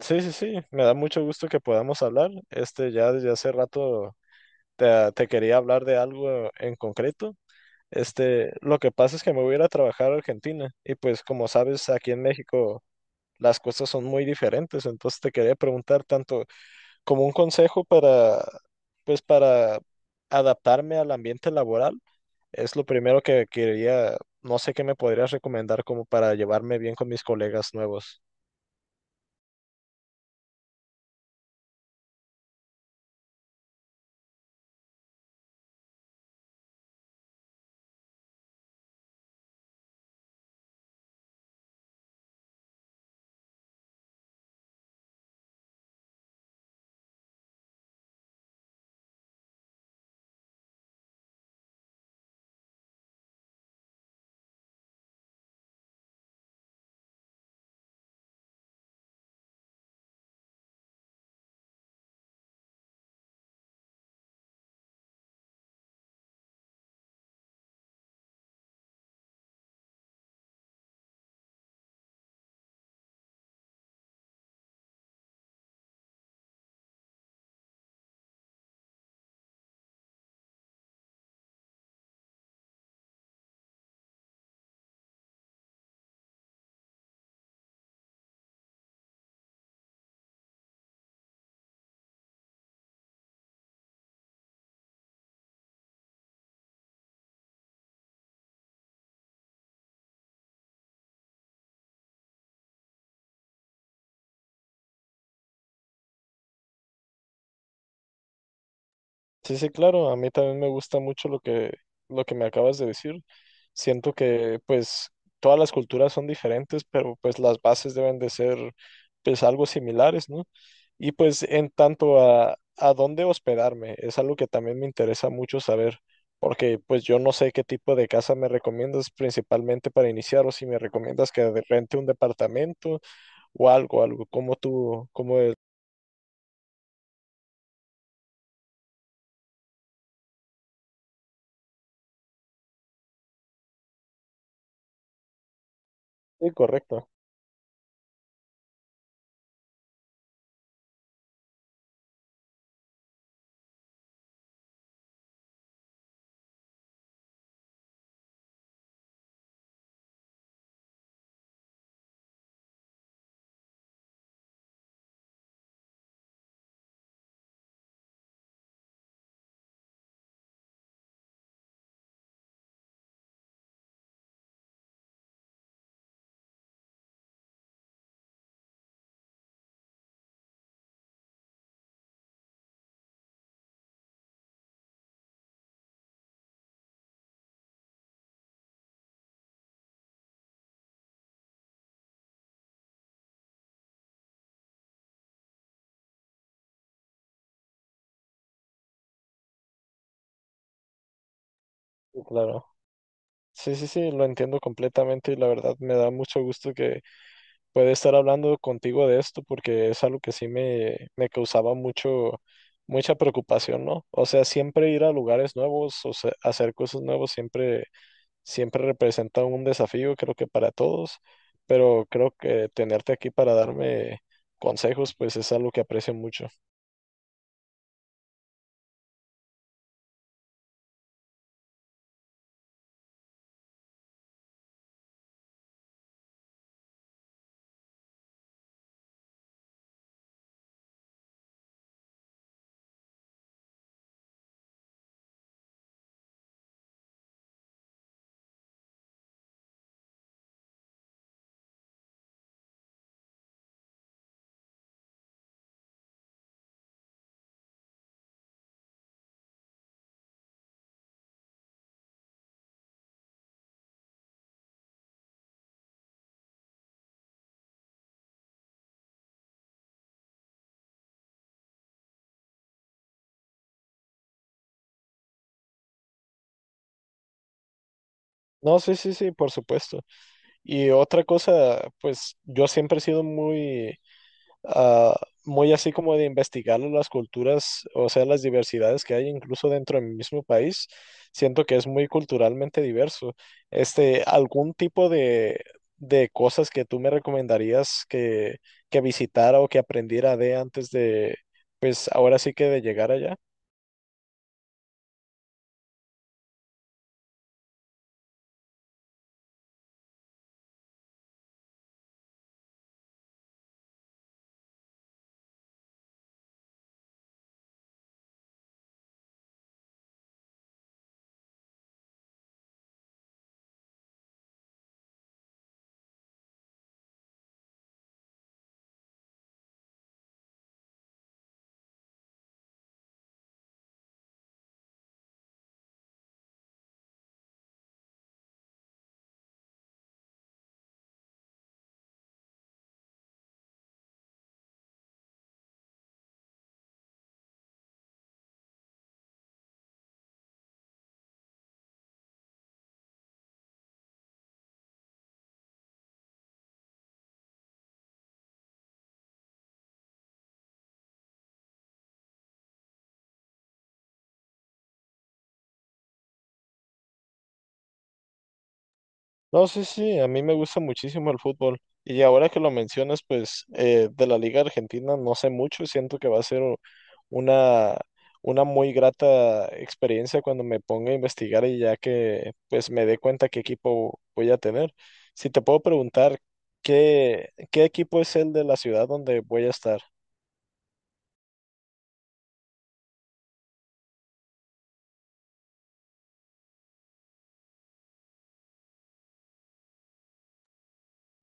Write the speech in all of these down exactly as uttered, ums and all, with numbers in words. Sí, sí, sí, me da mucho gusto que podamos hablar. Este, ya desde hace rato te, ah, te quería hablar de algo en concreto. Este, lo que pasa es que me voy a ir a trabajar a Argentina y pues como sabes, aquí en México las cosas son muy diferentes, entonces te quería preguntar tanto como un consejo para, pues para adaptarme al ambiente laboral, es lo primero que quería, no sé qué me podrías recomendar como para llevarme bien con mis colegas nuevos. Sí, sí, claro, a mí también me gusta mucho lo que, lo que me acabas de decir. Siento que pues todas las culturas son diferentes, pero pues las bases deben de ser pues algo similares, ¿no? Y pues en tanto a, a dónde hospedarme, es algo que también me interesa mucho saber, porque pues yo no sé qué tipo de casa me recomiendas principalmente para iniciar o si me recomiendas que de- rente un departamento o algo, algo como tú, como es. Sí, correcto, sí, claro. Sí, sí, sí, lo entiendo completamente y la verdad me da mucho gusto que pueda estar hablando contigo de esto porque es algo que sí me, me causaba mucho, mucha preocupación, ¿no? O sea, siempre ir a lugares nuevos o sea, hacer cosas nuevas siempre, siempre representa un desafío, creo que para todos, pero creo que tenerte aquí para darme consejos, pues es algo que aprecio mucho. No, sí, sí, sí, por supuesto. Y otra cosa, pues yo siempre he sido muy... ah, muy así como de investigar las culturas, o sea, las diversidades que hay incluso dentro de mi mismo país. Siento que es muy culturalmente diverso. Este, ¿algún tipo de, de cosas que tú me recomendarías que, que visitara o que aprendiera de antes de, pues ahora sí que de llegar allá? No, sí, sí, a mí me gusta muchísimo el fútbol. Y ahora que lo mencionas, pues eh, de la Liga Argentina no sé mucho, siento que va a ser u- una, una muy grata experiencia cuando me ponga a investigar y ya que pues me dé cuenta qué equipo voy a tener. Si te puedo preguntar, ¿qué, qué equipo es el de la ciudad donde voy a estar?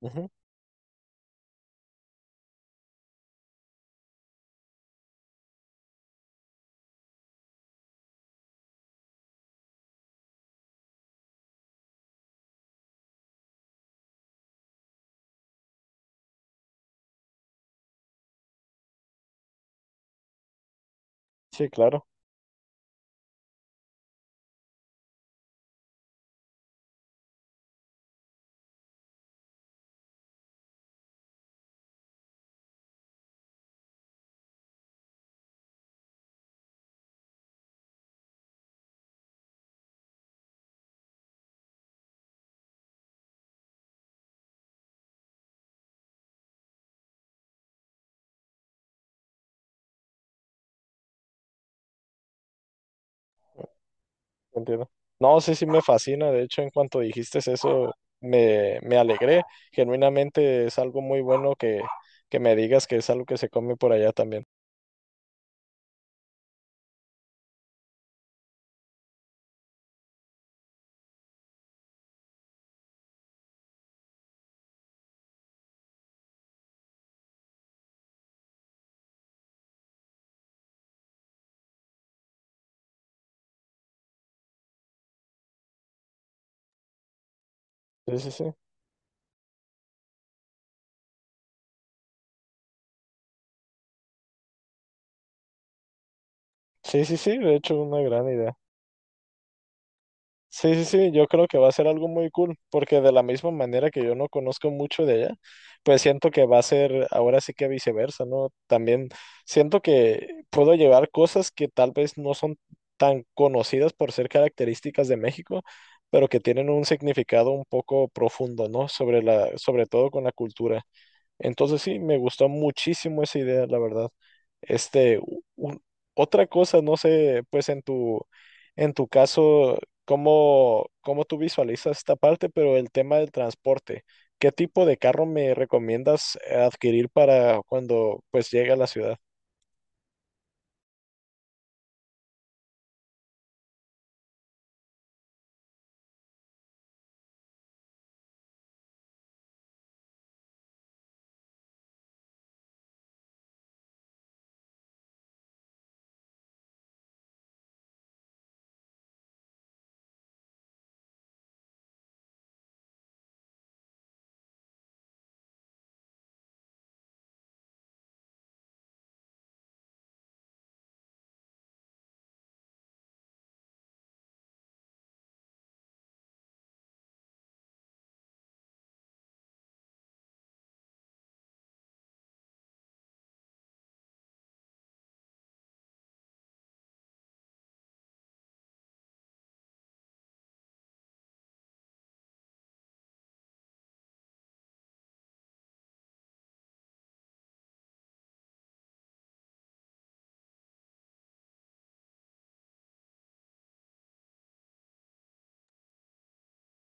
Ujú, sí, claro. Entiendo. No, sí, sí me fascina. De hecho, en cuanto dijiste eso, me, me alegré. Genuinamente es algo muy bueno que, que me digas que es algo que se come por allá también. Sí, sí, sí. Sí, sí, sí. De hecho, una gran idea. Sí, sí, sí, yo creo que va a ser algo muy cool, porque de la misma manera que yo no conozco mucho de ella, pues siento que va a ser ahora sí que viceversa, ¿no? También siento que puedo llevar cosas que tal vez no son tan conocidas por ser características de México, pero que tienen un significado un poco profundo, ¿no? Sobre la, sobre todo con la cultura. Entonces sí, me gustó muchísimo esa idea, la verdad. Este, u- un- otra cosa, no sé, pues en tu, en tu caso, cómo, cómo tú visualizas esta parte, pero el tema del transporte, ¿qué tipo de carro me recomiendas eh, adquirir para cuando pues llegue a la ciudad?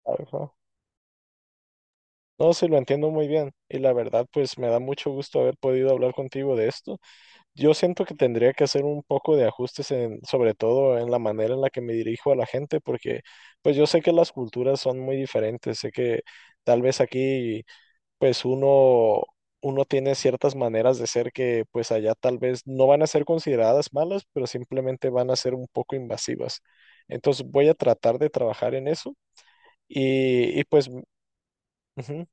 Ajá. No, sí, lo entiendo muy bien y la verdad, pues me da mucho gusto haber podido hablar contigo de esto. Yo siento que tendría que hacer un poco de ajustes en, sobre todo en la manera en la que me dirijo a la gente, porque pues yo sé que las culturas son muy diferentes, sé que tal vez aquí pues uno uno tiene ciertas maneras de ser que pues allá tal vez no van a ser consideradas malas, pero simplemente van a ser un poco invasivas. Entonces voy a tratar de trabajar en eso y, y pues ujú,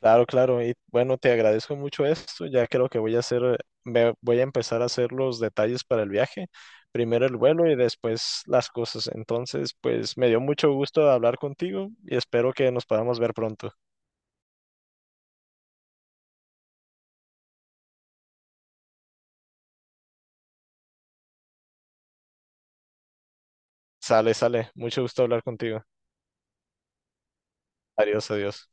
claro, claro. Y bueno, te agradezco mucho esto. Ya creo que voy a hacer, eh, me voy a empezar a hacer los detalles para el viaje. Primero el vuelo y después las cosas. Entonces, pues me dio mucho gusto hablar contigo y espero que nos podamos ver pronto. Sale, sale. Mucho gusto hablar contigo. Adiós, adiós.